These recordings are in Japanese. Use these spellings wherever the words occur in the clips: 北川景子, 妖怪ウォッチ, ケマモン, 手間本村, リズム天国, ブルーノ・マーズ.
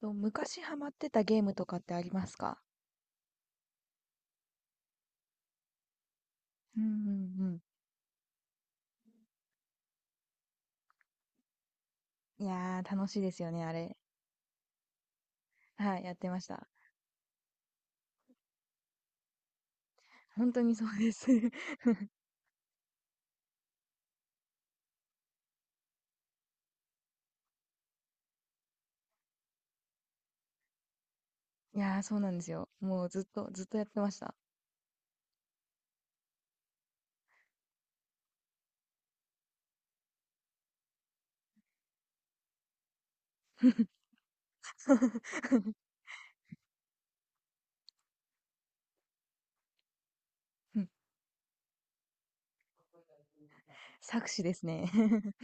と、昔ハマってたゲームとかってありますか？うんうんうん。いやー、楽しいですよね、あれ。はい、やってました。本当にそうです。いやー、そうなんですよ。もうずっと、ずっとやってました。うん作詞ですね。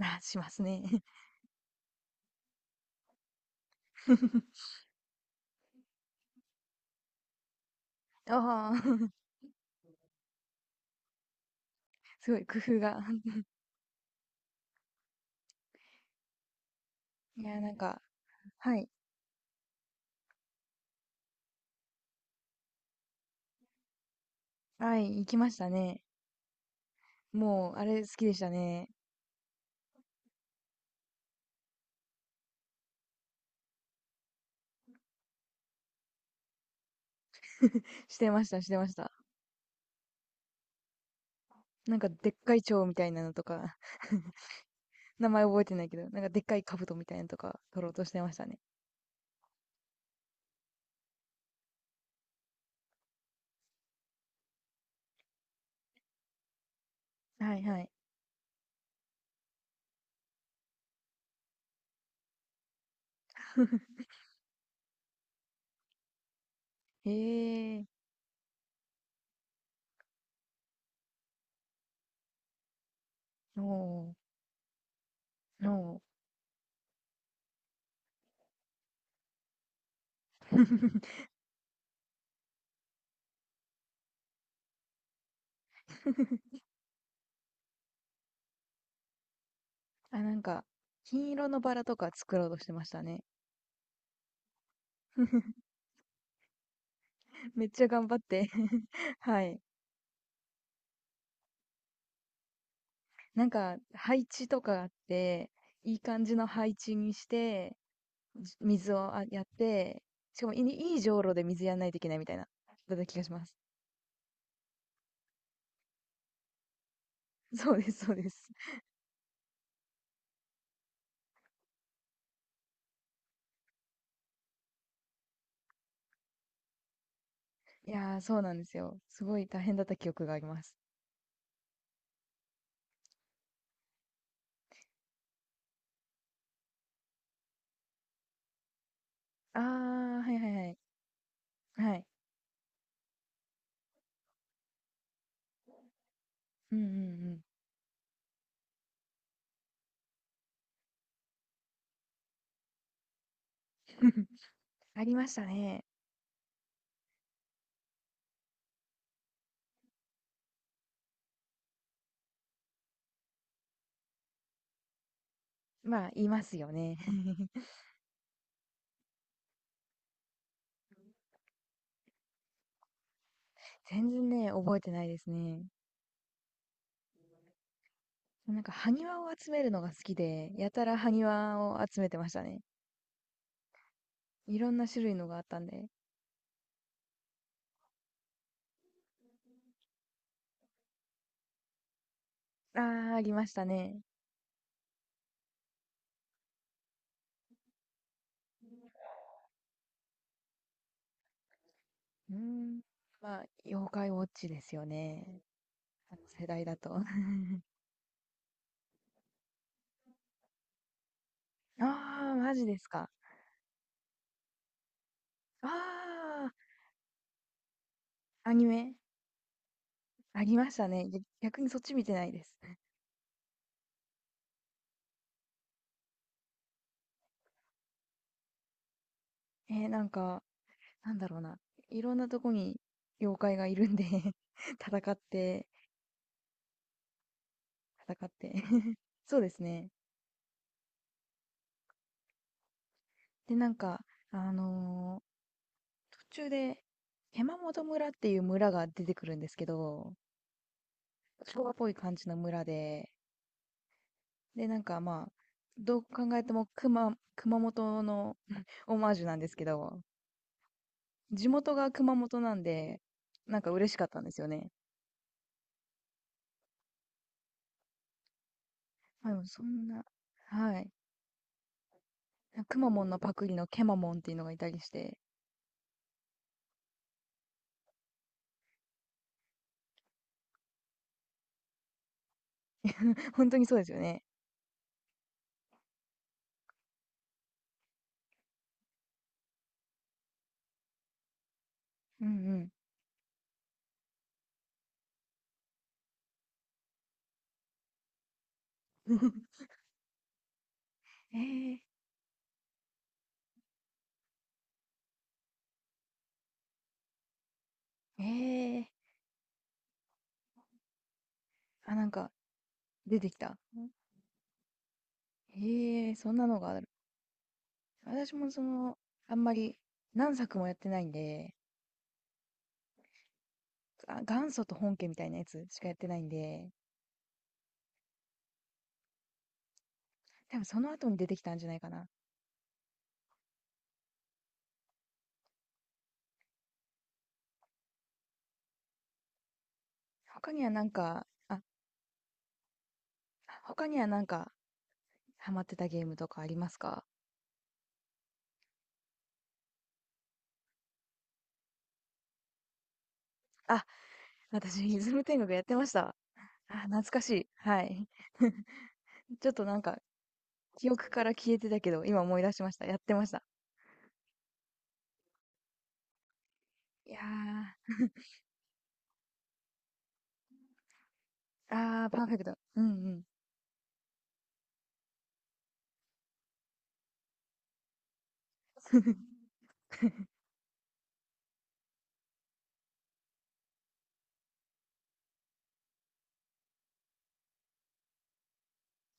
あ、しますね。ああ、すごい工夫が。いやー、なんか、はい、はい、行きましたね。もう、あれ好きでしたね。してました、してました。なんか、でっかい蝶みたいなのとか。名前覚えてないけど、なんかでっかい兜みたいなのとか取ろうとしてましたね。はいはい。へえー、おー、おー。あ、なんか、金色のバラとか作ろうとしてましたね。めっちゃ頑張って はい。なんか、配置とかあって、いい感じの配置にして、水をやって、しかもいいじょうろで水やんないといけないみたいな、だった気がします。そうです、そうです。いやー、そうなんですよ。すごい大変だった記憶があります。ああ、はいはいはい。はい。うんうんうん。ありましたね。まあ、言いますよね。全然ね、覚えてないですね。なんか、埴輪を集めるのが好きで、やたら埴輪を集めてましたね。いろんな種類のがあったんで。ああ、ありましたね。うーん。まあ、妖怪ウォッチですよね。あの世代だと。ああ、マジですか。ああ、アニメありましたね。逆にそっち見てないです。なんか、なんだろうな、いろんなとこに妖怪がいるんで 戦って、戦って そうですね。で、なんか、あの途中で、手間本村っていう村が出てくるんですけど、昭和っぽい感じの村で、で、なんかまあ、どう考えても熊本の オマージュなんですけど、地元が熊本なんで、なんか嬉しかったんですよね。まあでもそんな、はい。熊本のパクリのケマモンっていうのがいたりして、ほんとにそうですよね。うんうん。ええ、ええ。あ、なんか出てきた。へえ、そんなのがある。私もその、あんまり何作もやってないんで、あ、元祖と本家みたいなやつしかやってないんで、多分その後に出てきたんじゃないかな。他にはなんか、あ、他にはなんかハマってたゲームとかありますか？あ、私、イズム天国やってました。あ、懐かしい。はい。ちょっとなんか記憶から消えてたけど、今思い出しました。やってました。いやー、あー、パーフェクト。うんうん。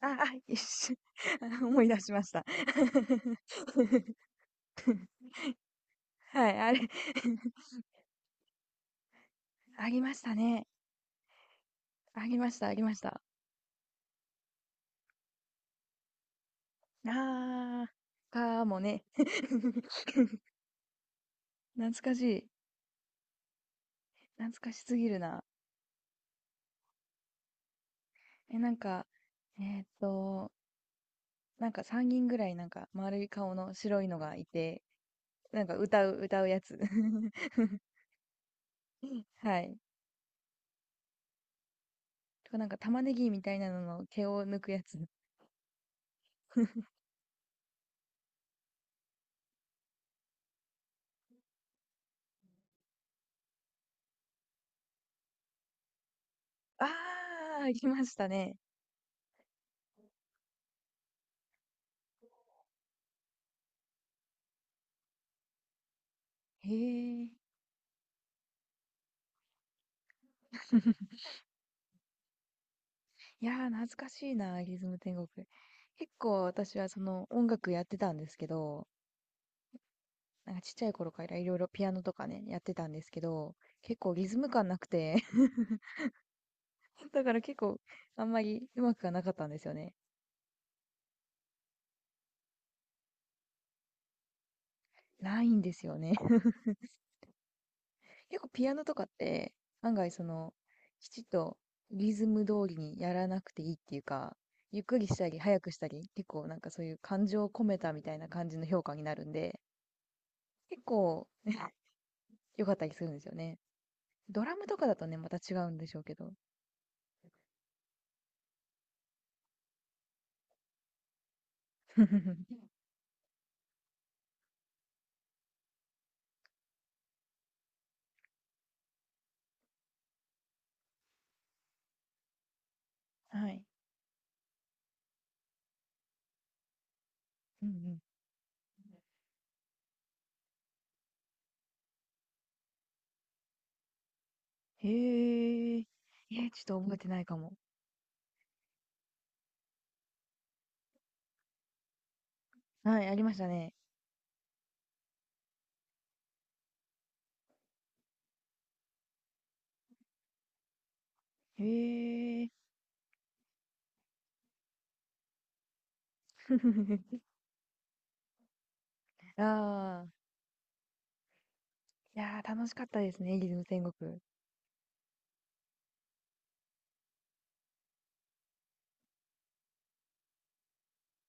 あ、一瞬、あ思い出しました。はい、あれ ありましたね。ありました、ありました。あー、かもね。懐かしい。懐かしすぎるな。え、なんか、えーっと、なんか3人ぐらいなんか丸い顔の白いのがいて、なんか歌うやつ。はい。とかなんか玉ねぎみたいなのの毛を抜くやつ。ああ。行きましたね。へえ。いやー、懐かしいな、リズム天国。結構私はその音楽やってたんですけど、なんかちっちゃい頃からいろいろピアノとかね、やってたんですけど、結構リズム感なくて、だから結構あんまりうまくはなかったんですよね。ないんですよね。結構ピアノとかって案外そのきちっとリズム通りにやらなくていいっていうか、ゆっくりしたり早くしたり、結構なんかそういう感情を込めたみたいな感じの評価になるんで、結構ね 良かったりするんですよね。ドラムとかだとねまた違うんでしょうけど。はい。うんうん。へえ。ちょっと覚えてないかも。はい、ありましたね。へえ。ああ。いやー楽しかったですね、リズム天国。